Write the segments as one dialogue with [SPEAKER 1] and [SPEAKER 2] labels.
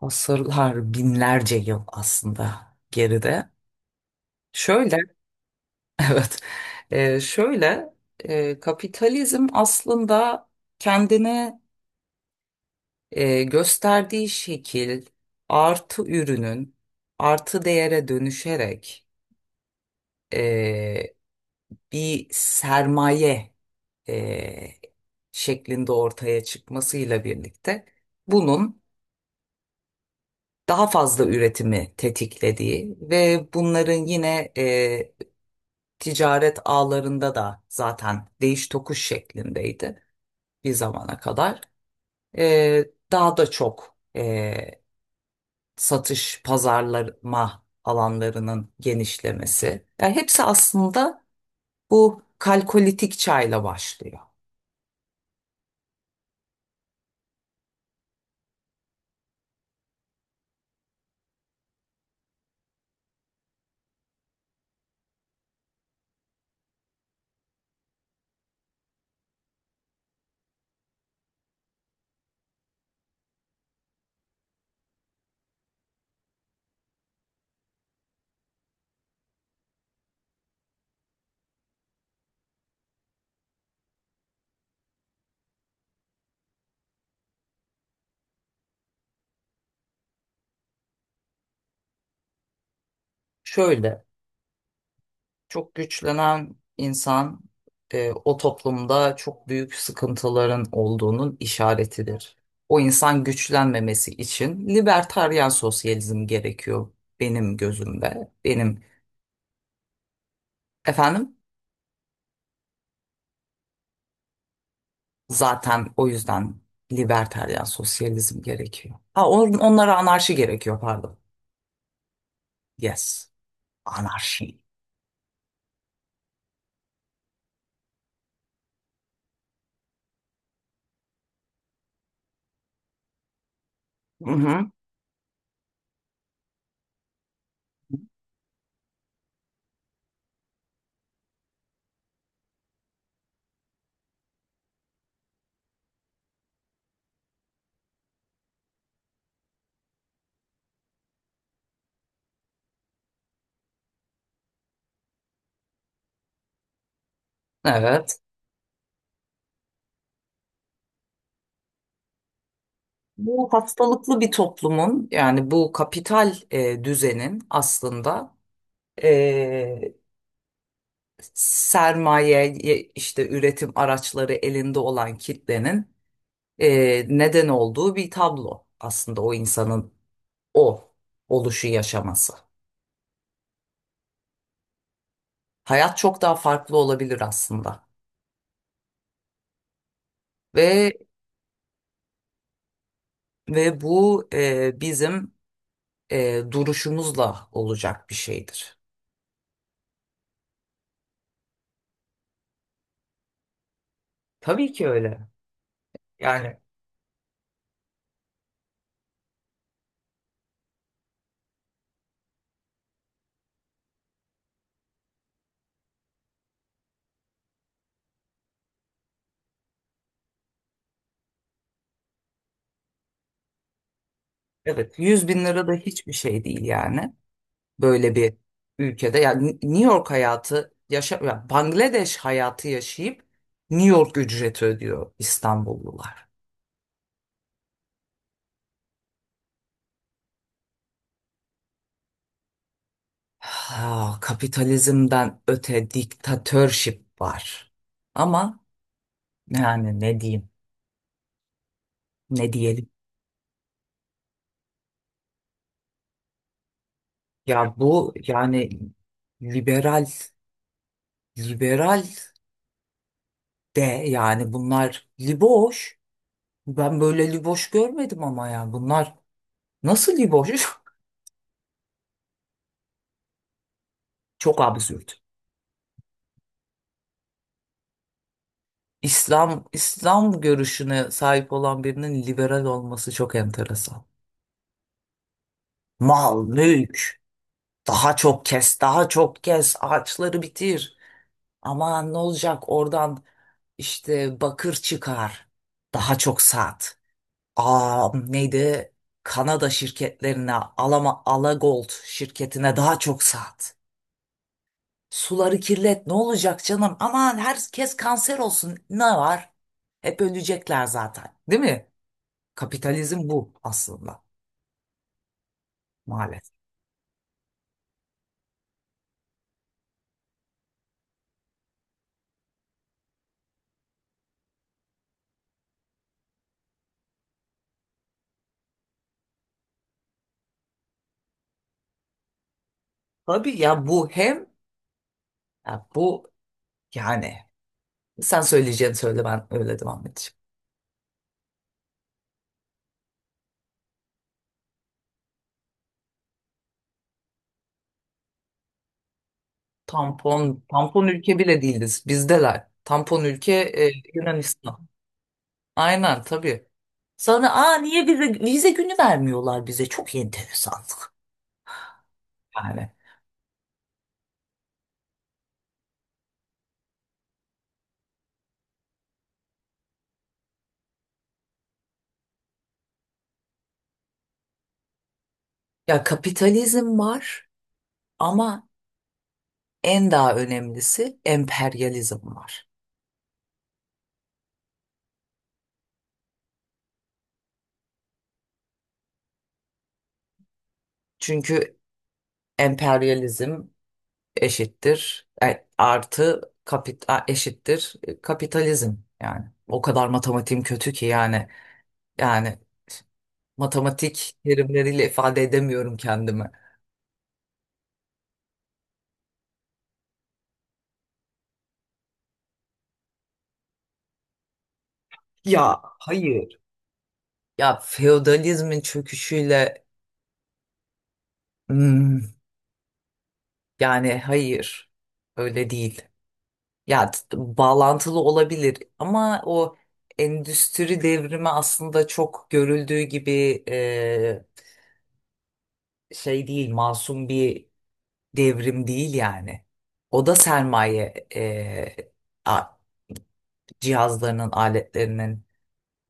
[SPEAKER 1] Asırlar, binlerce yıl aslında geride. Şöyle, evet, şöyle kapitalizm aslında kendine gösterdiği şekil artı ürünün artı değere dönüşerek e, bir sermaye e, şeklinde ortaya çıkmasıyla birlikte bunun daha fazla üretimi tetiklediği ve bunların yine ticaret ağlarında da zaten değiş tokuş şeklindeydi bir zamana kadar. Ee, Daha da çok satış, pazarlama alanlarının genişlemesi. Yani hepsi aslında bu kalkolitik çayla başlıyor. Şöyle. Çok güçlenen insan o toplumda çok büyük sıkıntıların olduğunun işaretidir. O insan güçlenmemesi için libertaryen sosyalizm gerekiyor benim gözümde. Benim efendim, zaten o yüzden libertaryen sosyalizm gerekiyor. Ha, onlara anarşi gerekiyor pardon. Yes, anarşi. Hı hı. Evet. Bu hastalıklı bir toplumun, yani bu kapital düzenin aslında e, sermaye işte üretim araçları elinde olan kitlenin neden olduğu bir tablo aslında o insanın o oluşu yaşaması. Hayat çok daha farklı olabilir aslında ve ve bu bizim duruşumuzla olacak bir şeydir. Tabii ki öyle. Yani evet, 100.000 lira da hiçbir şey değil yani. Böyle bir ülkede. Yani New York hayatı yaşa, yani Bangladeş hayatı yaşayıp New York ücreti ödüyor İstanbullular. Ha, kapitalizmden öte diktatörship var. Ama yani ne diyeyim? Ne diyelim? Ya bu yani liberal liberal de yani bunlar liboş. Ben böyle liboş görmedim ama ya bunlar nasıl liboş? Çok absürt. İslam görüşüne sahip olan birinin liberal olması çok enteresan. Mal, mülk, daha çok kes, daha çok kes, ağaçları bitir. Aman ne olacak oradan, işte bakır çıkar, daha çok sat. Aa neydi? Kanada şirketlerine, Alama Alagold şirketine daha çok sat. Suları kirlet, ne olacak canım? Aman herkes kanser olsun, ne var? Hep ölecekler zaten, değil mi? Kapitalizm bu aslında maalesef. Tabii, ya bu hem ya bu yani sen söyleyeceğini söyle, ben öyle devam edeceğim. Tampon tampon ülke bile değiliz bizdeler. Tampon ülke Yunanistan. Aynen tabii. Sonra aa niye bize vize günü vermiyorlar, bize çok enteresan. Yani ya kapitalizm var ama en daha önemlisi emperyalizm var. Çünkü emperyalizm eşittir artı kapita eşittir kapitalizm yani. O kadar matematiğim kötü ki yani, yani matematik terimleriyle ifade edemiyorum kendimi. Ya hayır. Ya feodalizmin çöküşüyle, hmm, yani hayır, öyle değil. Ya t- Bağlantılı olabilir ama o endüstri devrimi aslında çok görüldüğü gibi e, şey değil, masum bir devrim değil yani. O da sermaye a- cihazlarının, aletlerinin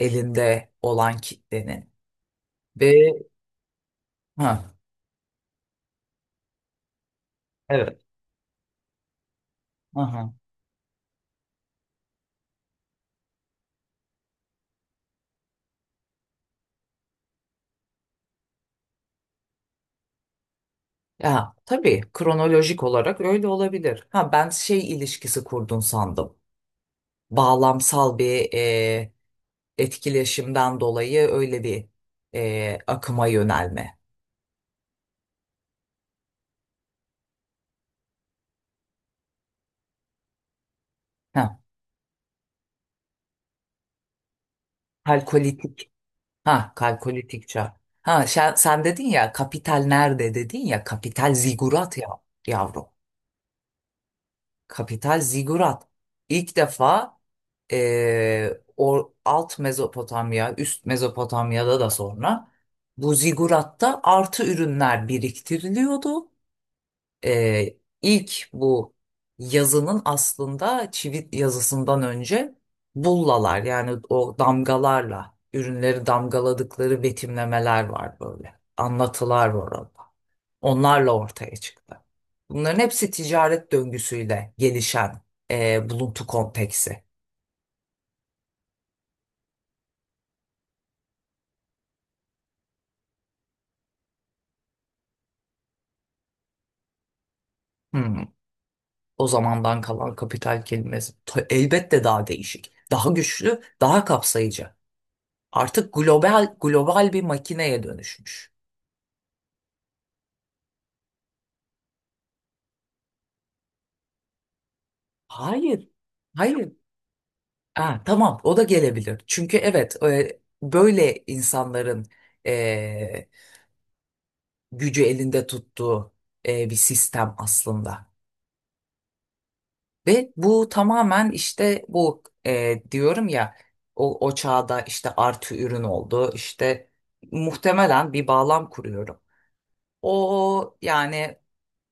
[SPEAKER 1] elinde olan kitlenin ve ha, evet. Aha. Ya tabii kronolojik olarak öyle olabilir. Ha, ben şey ilişkisi kurdun sandım. Bağlamsal bir etkileşimden dolayı öyle bir akıma yönelme. Ha, kalkolitik. Ha, kalkolitik çağ. Ha, sen dedin ya kapital nerede, dedin ya kapital zigurat ya yavrum. Kapital zigurat. İlk defa e, o alt Mezopotamya, üst Mezopotamya'da da sonra bu ziguratta artı ürünler biriktiriliyordu, ilk bu yazının aslında çivit yazısından önce bullalar, yani o damgalarla ürünleri damgaladıkları betimlemeler var böyle. Anlatılar var orada. Onlarla ortaya çıktı. Bunların hepsi ticaret döngüsüyle gelişen buluntu konteksi. Hmm, O zamandan kalan kapital kelimesi elbette daha değişik, daha güçlü, daha kapsayıcı. Artık global global bir makineye dönüşmüş. Hayır. Hayır. Ha, tamam, o da gelebilir. Çünkü evet, böyle insanların e, gücü elinde tuttuğu bir sistem aslında. Ve bu tamamen işte bu diyorum ya, o çağda işte artı ürün oldu. İşte muhtemelen bir bağlam kuruyorum. O yani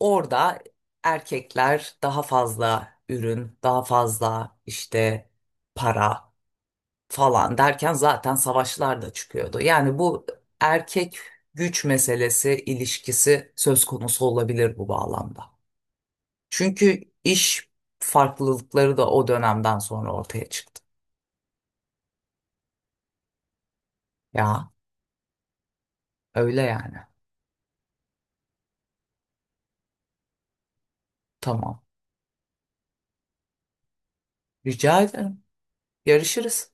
[SPEAKER 1] orada erkekler daha fazla ürün, daha fazla işte para falan derken zaten savaşlar da çıkıyordu. Yani bu erkek güç meselesi, ilişkisi söz konusu olabilir bu bağlamda. Çünkü iş farklılıkları da o dönemden sonra ortaya çıktı. Ya öyle yani. Tamam. Rica ederim. Yarışırız.